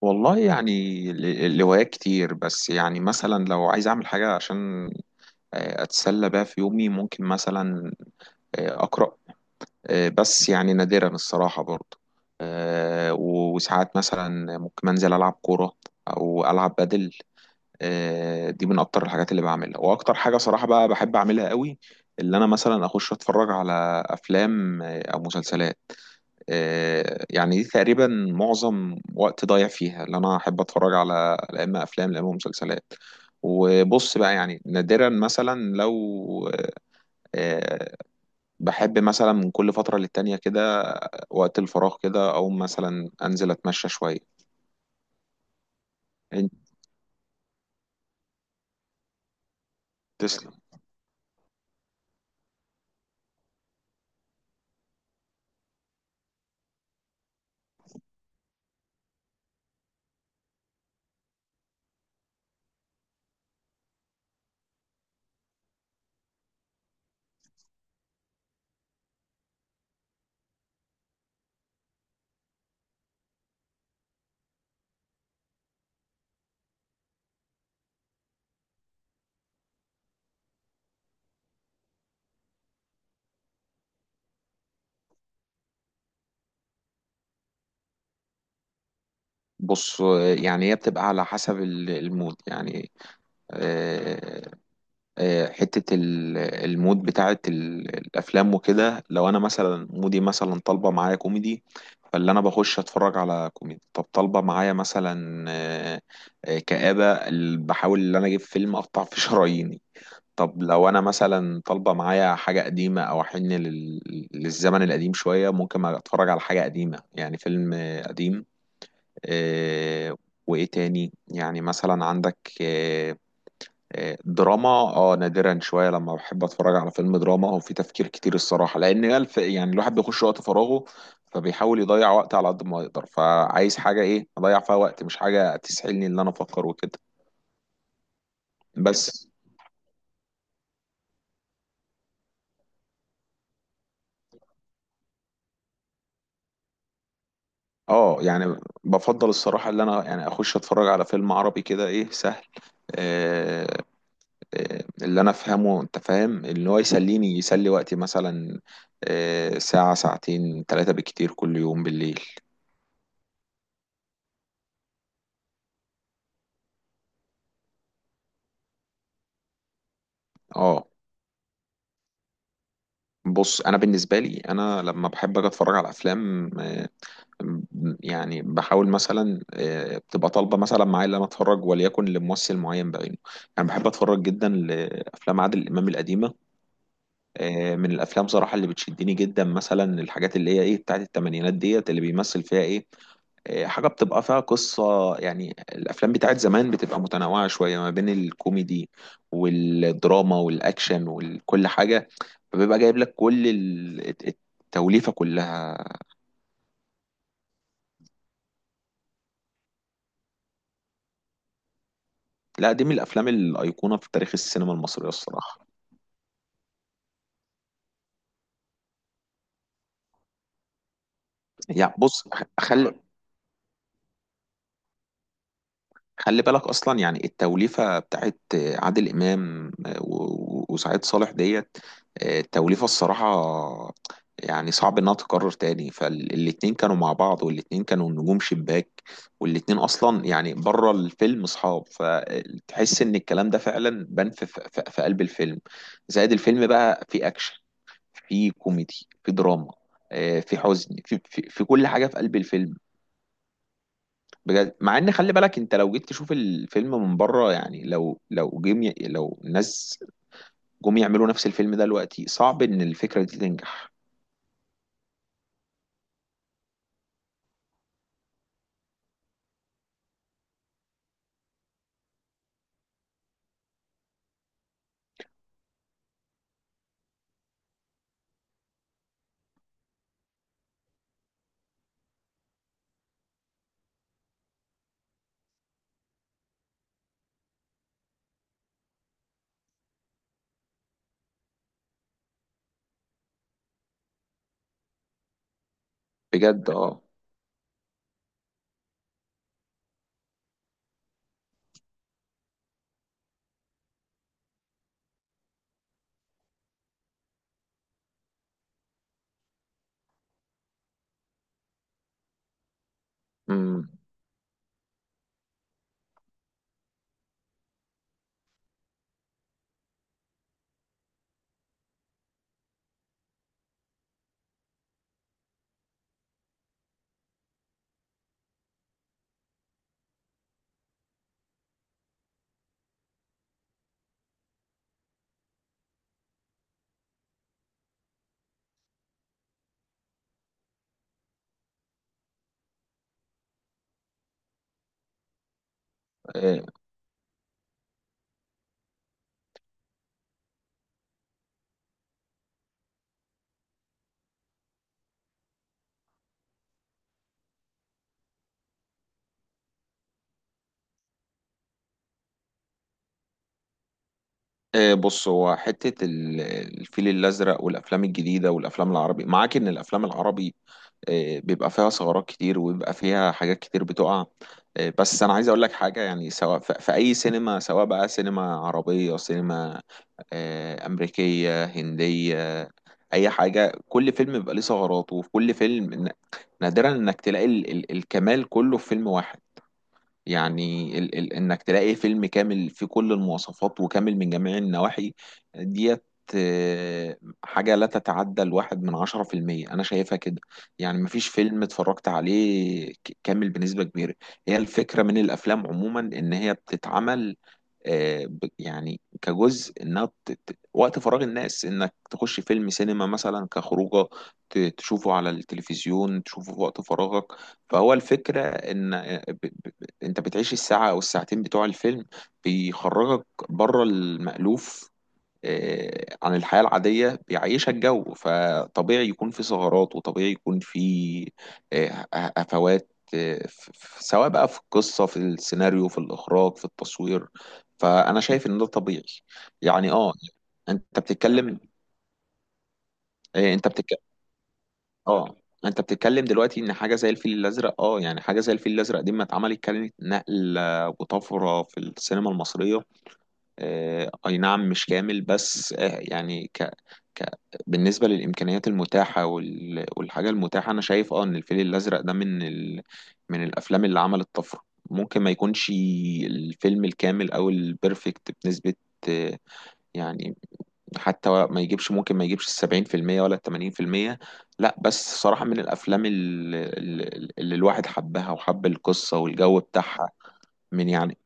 والله يعني الهوايات كتير، بس يعني مثلا لو عايز اعمل حاجة عشان اتسلى بيها في يومي. ممكن مثلا اقرأ، بس يعني نادرا الصراحة برضه. وساعات مثلا ممكن انزل العب كورة او العب بدل. دي من اكتر الحاجات اللي بعملها، واكتر حاجة صراحة بقى بحب اعملها قوي، اللي انا مثلا اخش اتفرج على افلام او مسلسلات. يعني دي تقريبا معظم وقت ضايع فيها، اللي انا احب اتفرج على لا اما افلام لا اما مسلسلات. وبص بقى يعني نادرا مثلا لو آه، بحب مثلا من كل فترة للتانية كده وقت الفراغ كده، او مثلا انزل اتمشى شوية. انت تسلم. بص يعني هي بتبقى على حسب المود. يعني آه، حتة المود بتاعة الأفلام وكده. لو أنا مثلا مودي مثلا طالبة معايا كوميدي، فاللي أنا بخش أتفرج على كوميدي. طب طالبة معايا مثلا كآبة، بحاول إن أنا أجيب فيلم أقطع فيه شراييني. طب لو أنا مثلا طالبة معايا حاجة قديمة أو أحن للزمن القديم شوية، ممكن أتفرج على حاجة قديمة، يعني فيلم قديم. آه، وإيه تاني؟ يعني مثلا عندك دراما. اه نادرا شويه لما بحب اتفرج على فيلم دراما او في تفكير كتير الصراحه، لان الف يعني الواحد بيخش وقت فراغه فبيحاول يضيع وقت على قد ما يقدر، فعايز حاجه ايه اضيع فيها وقت، مش حاجه تسحلني ان انا افكر وكده. بس اه يعني بفضل الصراحه ان انا يعني اخش اتفرج على فيلم عربي كده ايه سهل، آه، اللي انا افهمه، انت فاهم اللي هو يسليني يسلي وقتي مثلا. ساعه ساعتين ثلاثه بالكتير كل يوم بالليل. اه بص انا بالنسبه لي انا لما بحب اجي اتفرج على افلام يعني بحاول مثلا بتبقى طالبه مثلا معايا ان انا اتفرج، وليكن لممثل معين بعينه. انا بحب اتفرج جدا لافلام عادل امام القديمه. من الافلام صراحه اللي بتشدني جدا مثلا الحاجات اللي هي ايه بتاعت الثمانينات ديت اللي بيمثل فيها ايه، إيه، حاجة بتبقى فيها قصة. يعني الأفلام بتاعت زمان بتبقى متنوعة شوية ما بين الكوميدي والدراما والأكشن وكل حاجة، فبيبقى جايب لك كل التوليفة كلها. لا دي من الأفلام الأيقونة في تاريخ السينما المصرية الصراحة. يعني بص، خلي خلي بالك اصلا يعني التوليفه بتاعت عادل امام وسعيد صالح ديت. التوليفه الصراحه يعني صعب انها تتكرر تاني. فالاتنين كانوا مع بعض، والاتنين كانوا نجوم شباك، والاتنين اصلا يعني بره الفيلم اصحاب، فتحس ان الكلام ده فعلا بان في قلب الفيلم. زائد الفيلم بقى في اكشن، في كوميدي، في دراما، في حزن، في كل حاجه في قلب الفيلم. بجد، مع ان خلي بالك انت لو جيت تشوف الفيلم من بره، يعني لو لو الناس جم يعملوا نفس الفيلم ده دلوقتي، صعب ان الفكرة دي تنجح. بجد اه. امم. آه، بص هو حتة الفيل الأزرق والأفلام الجديدة والأفلام العربي، معاك إن الأفلام العربي بيبقى فيها ثغرات كتير، وبيبقى فيها حاجات كتير بتقع. بس انا عايز اقول لك حاجه، يعني سواء في اي سينما، سواء بقى سينما عربيه، سينما امريكيه، هنديه، اي حاجه، كل فيلم بيبقى ليه ثغراته. وفي كل فيلم نادرا انك تلاقي ال ال الكمال كله في فيلم واحد. يعني ال ال انك تلاقي فيلم كامل فيه كل المواصفات وكامل من جميع النواحي ديت، آه، حاجة لا تتعدى الواحد من عشرة في المية، أنا شايفها كده. يعني مفيش فيلم اتفرجت عليه كامل بنسبة كبيرة. هي الفكرة من الأفلام عموما إن هي بتتعمل يعني كجزء انها وقت فراغ الناس انك تخش فيلم سينما مثلا كخروجه. تشوفه على التلفزيون تشوفه في وقت فراغك. فهو الفكره ان انت بتعيش الساعة او الساعتين بتوع الفيلم، بيخرجك بره المألوف عن الحياة العادية، بيعيشك جو. فطبيعي يكون في ثغرات، وطبيعي يكون في هفوات، سواء بقى في القصة، في السيناريو، في الإخراج، في التصوير. فأنا شايف إن ده طبيعي. يعني آه. أنت بتتكلم أنت بتتكلم. اه انت بتتكلم دلوقتي ان حاجه زي الفيل الازرق، اه يعني حاجه زي الفيل الازرق دي ما اتعملت كانت نقله وطفره في السينما المصريه. آه اي نعم، مش كامل، بس آه يعني ك... بالنسبه للامكانيات المتاحه والحاجه المتاحه، انا شايف اه ان الفيل الازرق ده من من الافلام اللي عملت طفره. ممكن ما يكونش الفيلم الكامل او البرفكت بنسبه، آه، يعني، حتى ما يجيبش، ممكن ما يجيبش 70% ولا 80%. لا بس صراحة من الأفلام اللي الواحد حبها وحب القصة والجو بتاعها. من يعني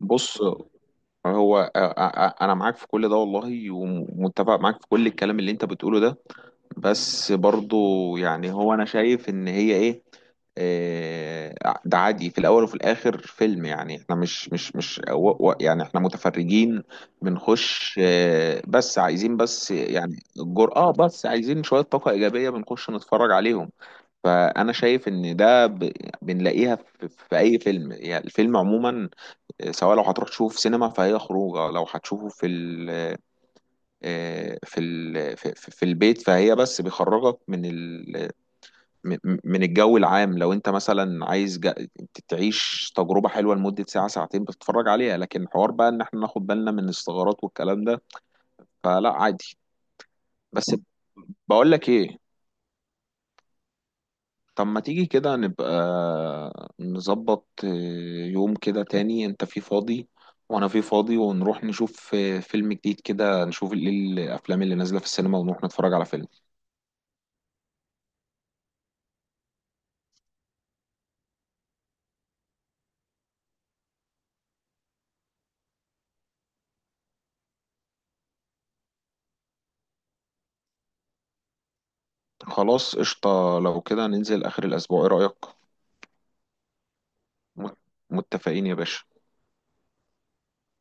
بص هو انا معاك في كل ده والله، ومتفق معاك في كل الكلام اللي انت بتقوله ده. بس برضو يعني هو انا شايف ان هي ايه، آه، ده عادي، في الاول وفي الاخر فيلم. يعني احنا مش يعني احنا متفرجين بنخش بس عايزين، بس يعني الجرأة اه، بس عايزين شوية طاقة ايجابية بنخش نتفرج عليهم. فانا شايف ان ده بنلاقيها في في اي فيلم. يعني الفيلم عموما، سواء لو هتروح تشوف سينما فهي خروجه، لو هتشوفه في ال آه، في ال في, في في البيت، فهي بس بيخرجك من ال من من الجو العام. لو انت مثلا عايز تعيش تجربة حلوة لمدة ساعة ساعتين بتتفرج عليها، لكن حوار بقى ان احنا ناخد بالنا من الثغرات والكلام ده، فلا عادي. بس. بقول لك ايه؟ طب ما تيجي كده نبقى نظبط يوم كده تاني انت فيه فاضي وانا فيه فاضي، ونروح نشوف فيلم جديد كده، نشوف ايه الافلام اللي نازلة في السينما، ونروح نتفرج على فيلم. خلاص قشطة، لو كده ننزل اخر الاسبوع، ايه رأيك؟ مت- متفقين يا باشا.